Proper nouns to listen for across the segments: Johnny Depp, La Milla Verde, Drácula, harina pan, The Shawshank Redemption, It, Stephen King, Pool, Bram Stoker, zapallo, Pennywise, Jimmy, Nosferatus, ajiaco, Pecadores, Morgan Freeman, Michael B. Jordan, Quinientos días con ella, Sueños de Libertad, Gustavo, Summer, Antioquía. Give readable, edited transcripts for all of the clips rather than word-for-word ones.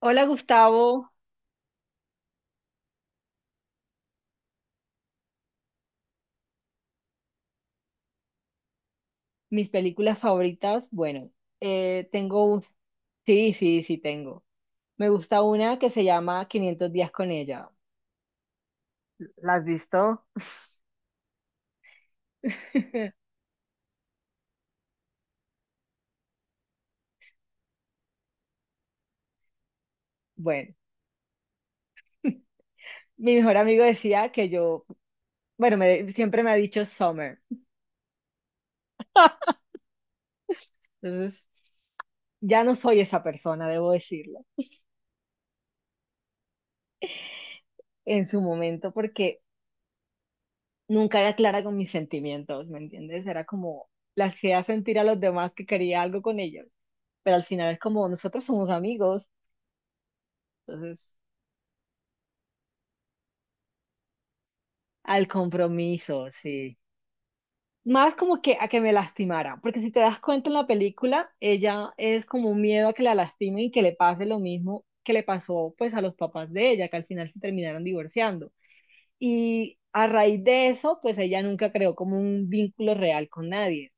Hola Gustavo, mis películas favoritas, bueno, tengo un... Sí, sí, sí, tengo. Me gusta una que se llama Quinientos días con ella. ¿La has visto? Bueno, mi mejor amigo decía que yo, bueno, me- siempre me ha dicho Summer. Entonces, ya no soy esa persona, debo decirlo, en su momento, porque nunca era clara con mis sentimientos, ¿me entiendes? Era como la hacía sentir a los demás que quería algo con ellos, pero al final es como nosotros somos amigos, entonces al compromiso, sí. Más como que a que me lastimara, porque si te das cuenta en la película, ella es como un miedo a que la lastimen y que le pase lo mismo que le pasó pues a los papás de ella, que al final se terminaron divorciando. Y a raíz de eso, pues ella nunca creó como un vínculo real con nadie.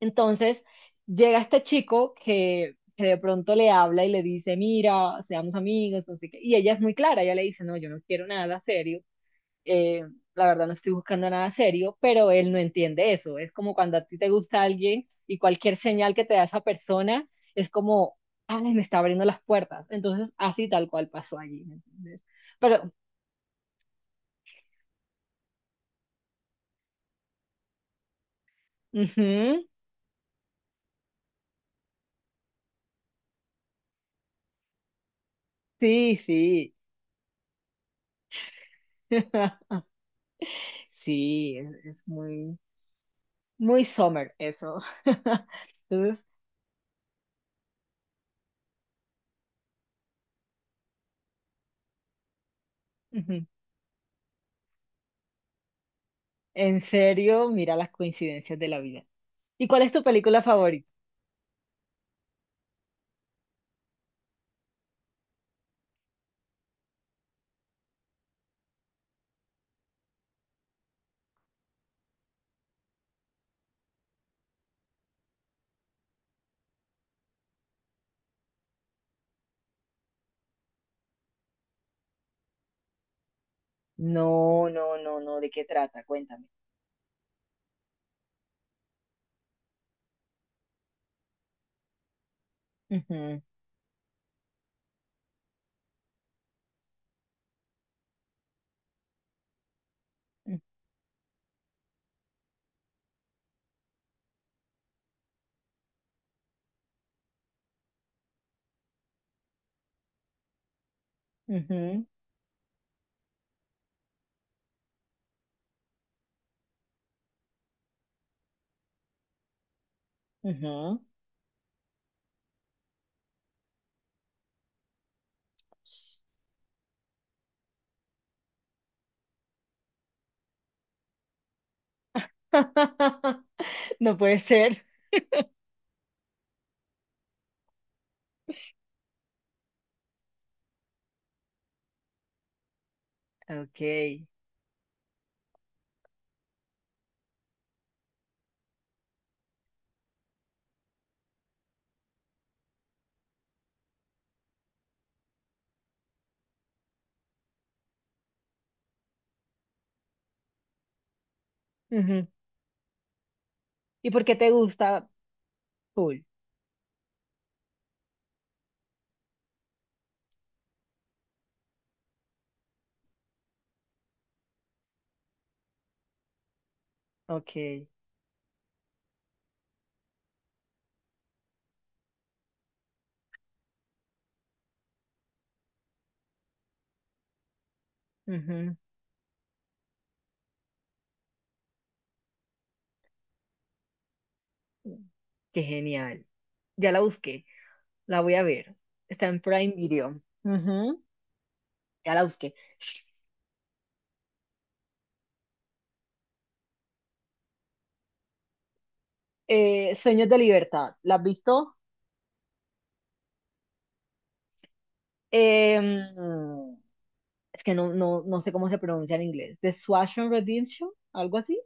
Entonces llega este chico que de pronto le habla y le dice, mira, seamos amigos, no sé qué. Y ella es muy clara, ella le dice, no, yo no quiero nada serio, eh, la verdad no estoy buscando nada serio, pero él no entiende eso. Es como cuando a ti te gusta alguien y cualquier señal que te da esa persona es como, ay, me está abriendo las puertas. Entonces, así tal cual pasó allí, ¿me entiendes? Pero, ujú, sí, sí. Sí, es muy, muy summer, eso. Entonces, ujú, en serio, mira las coincidencias de la vida. ¿Y cuál es tu película favorita? No, no, no, no, ¿de qué trata? Cuéntame. Ujú, ujú, ujú. No puede ser. Okay. Ujú. ¿Y por qué te gusta Pool? Okay. Ujú. Qué genial. Ya la busqué. La voy a ver. Está en Prime Video. Ujú, ya la busqué. Sueños de Libertad, ¿la has visto? Em, es que no, no, no sé cómo se pronuncia en inglés. The Shawshank Redemption, algo así.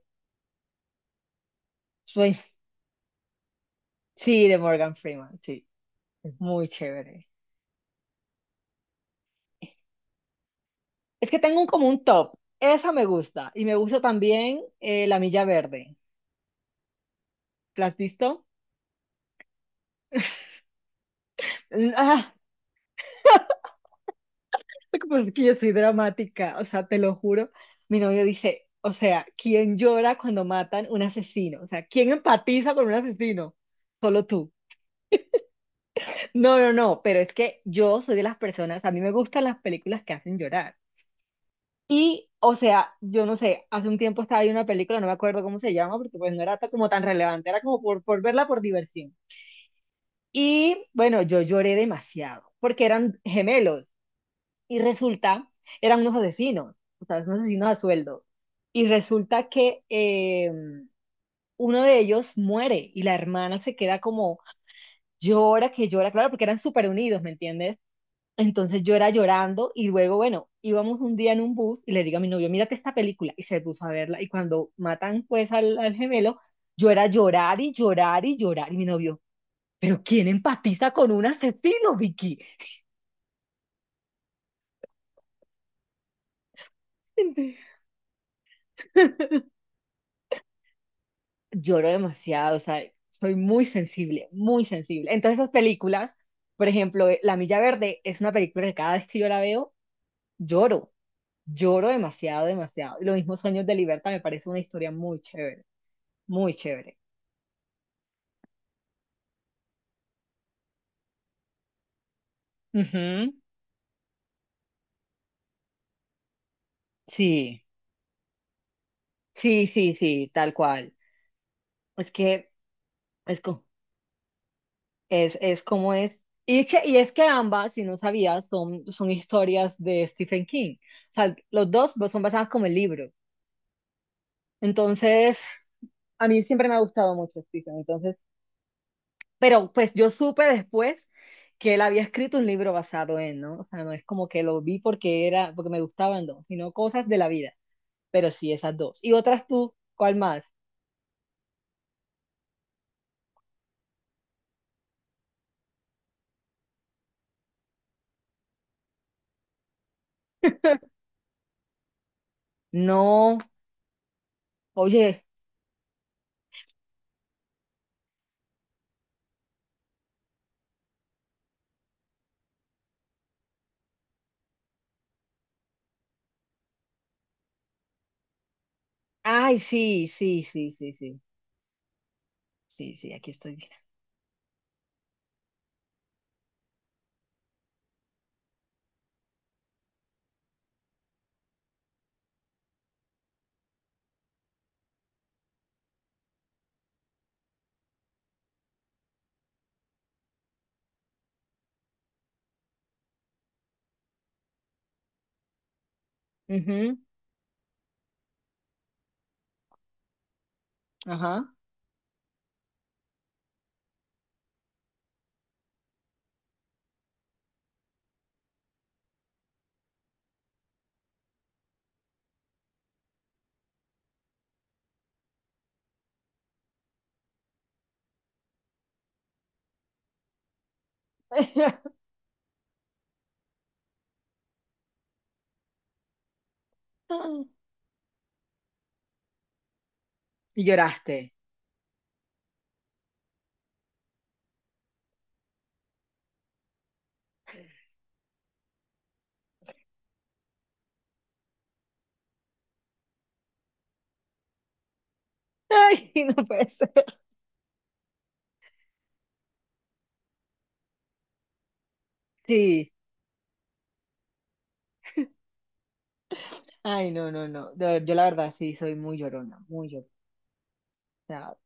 Sue- sí, de Morgan Freeman, sí. Es muy chévere. Es que tengo un, como un top. Esa me gusta. Y me gusta también La Milla Verde. ¿La has visto? Mm, ah, porque es que yo soy dramática, o sea, te lo juro. Mi novio dice, o sea, ¿quién llora cuando matan un asesino? O sea, ¿quién empatiza con un asesino? Solo tú. No, no, no, pero es que yo soy de las personas, a mí me gustan las películas que hacen llorar. Y, o sea, yo no sé, hace un tiempo estaba viendo una película, no me acuerdo cómo se llama, porque pues no era ta- como tan relevante, era como por verla por diversión. Y bueno, yo lloré demasiado, porque eran gemelos y resulta, eran unos asesinos, o sea, unos asesinos a sueldo. Y resulta que uno de ellos muere y la hermana se queda como llora, que llora, claro, porque eran súper unidos, ¿me entiendes? Entonces yo era llorando y luego, bueno, íbamos un día en un bus y le digo a mi novio, mírate esta película y se puso a verla y cuando matan pues al gemelo, yo era llorar y llorar y llorar y mi novio, pero ¿quién empatiza con un asesino, Vicky? Lloro demasiado, o sea, soy muy sensible, muy sensible. Entonces esas películas, por ejemplo, La Milla Verde es una película que cada vez que yo la veo, lloro, lloro demasiado, demasiado. Y lo mismo Sueños de Libertad me parece una historia muy chévere, muy chévere. Ujú, sí, sí, sí, sí, tal cual. Es que es, co- es como es. Y es que ambas, si no sabías, son historias de Stephen King. O sea, los dos son basadas como el libro. Entonces, a mí siempre me ha gustado mucho Stephen. Entonces, pero pues yo supe después que él había escrito un libro basado en, ¿no? O sea, no es como que lo vi porque era, porque me gustaban dos, sino cosas de la vida. Pero sí, esas dos. Y otras tú, ¿cuál más? No, oye. Ay, sí, sí, sí, sí, sí. Sí, sí, aquí estoy. Mira. Ujú, ajá. Y lloraste. Ay, no puede ser. Sí. Ay, no, no, no. De- yo la verdad sí soy muy llorona, muy llorona. O sea,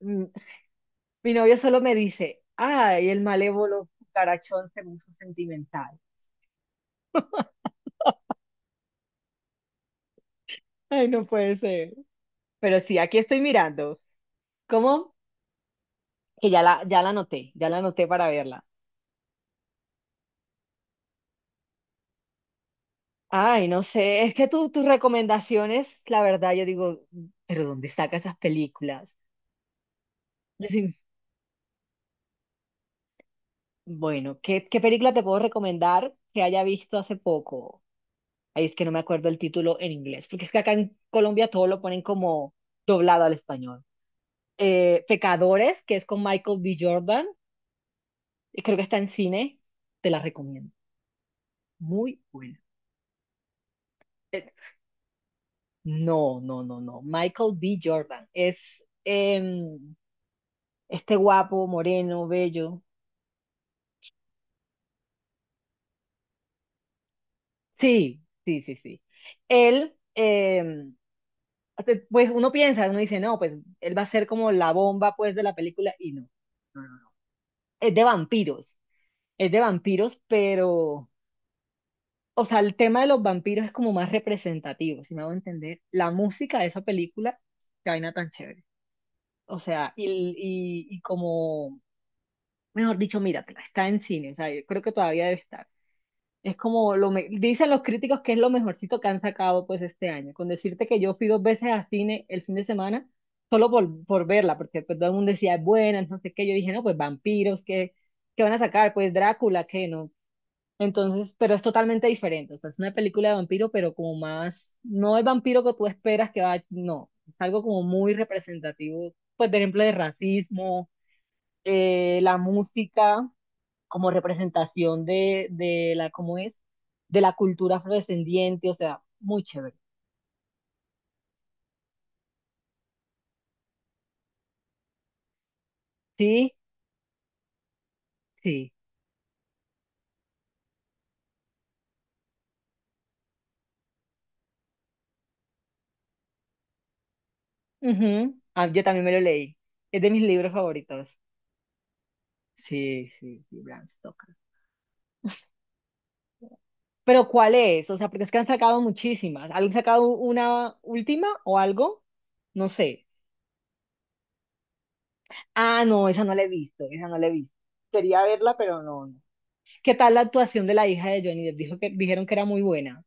mm, mi novio solo me dice, ay, el malévolo carachón se puso sentimental. Ay, no puede ser. Pero sí, aquí estoy mirando. ¿Cómo? Que ya la anoté para verla. Ay, no sé, es que tus recomendaciones, la verdad, yo digo, ¿pero dónde saca esas películas? Yo sí, bueno, qué película te puedo recomendar que haya visto hace poco. Ahí es que no me acuerdo el título en inglés, porque es que acá en Colombia todo lo ponen como doblado al español. Pecadores, que es con Michael B. Jordan, y creo que está en cine, te la recomiendo. Muy buena. Eh, No, no, no, no. Michael B. Jordan es em, este guapo, moreno, bello. Sí, sí, sí, sí. Él, pues uno piensa, uno dice, no, pues él va a ser como la bomba, pues, de la película, y no. No, no, no. Es de vampiros, es de vampiros, pero, o sea, el tema de los vampiros es como más representativo, si me hago entender. La música de esa película, qué vaina tan chévere. O sea, y como, mejor dicho, míratela, está en cine, o sea, yo creo que todavía debe estar. Es como dicen los críticos que es lo mejorcito que han sacado pues este año. Con decirte que yo fui dos veces al cine el fin de semana solo por verla, porque pues, todo el mundo decía es buena, no sé qué. Yo dije, no, pues vampiros, ¿qué van a sacar? Pues Drácula, ¿qué no? Entonces, pero es totalmente diferente. O sea, es una película de vampiro, pero como más, no el vampiro que tú esperas que va, no. Es algo como muy representativo, pues, por ejemplo, de racismo, la música como representación de la, ¿cómo es? De la cultura afrodescendiente, o sea, muy chévere. Sí, sí. Ujú. Ah, yo también me lo leí. Es de mis libros favoritos. Sí, sí, sí, Bram Stoker. Pero ¿cuál es? O sea, porque es que han sacado muchísimas. ¿Han sacado una última o algo? No sé. Ah, no, esa no la he visto, esa no la he visto. Quería verla, pero no, no. ¿Qué tal la actuación de la hija de Johnny Depp? Dijo que, dijeron que era muy buena.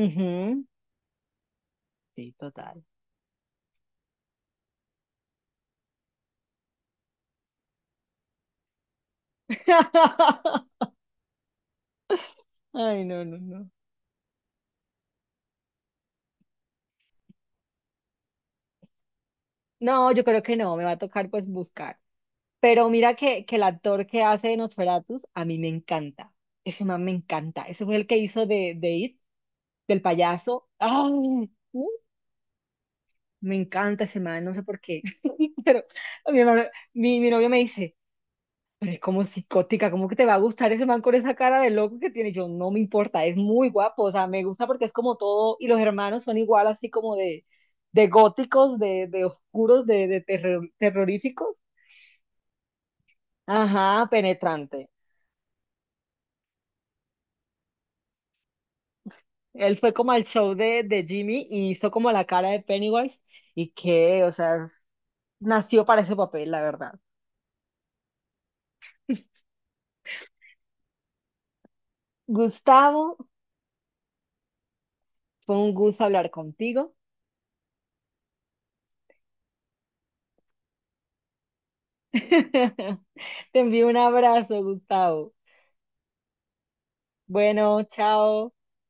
Ujú. Sí, total. Ay, no, no, no. No, yo creo que no, me va a tocar pues buscar. Pero mira que el actor que hace de Nosferatus a mí me encanta. Ese man me encanta. Ese fue el que hizo de It, del payaso. ¡Ay! Me encanta ese man, no sé por qué. Pero mi, mamá- mi novio me dice. Pero es como psicótica, ¿cómo que te va a gustar ese man con esa cara de loco que tiene? Yo no me importa, es muy guapo, o sea, me gusta porque es como todo, y los hermanos son igual así como de góticos, de oscuros, terroríficos. Ajá, penetrante. Él fue como al show de Jimmy y hizo como la cara de Pennywise y que, o sea, nació para ese papel, la verdad. Gustavo, fue un gusto hablar contigo. Te envío un abrazo, Gustavo. Bueno, chao.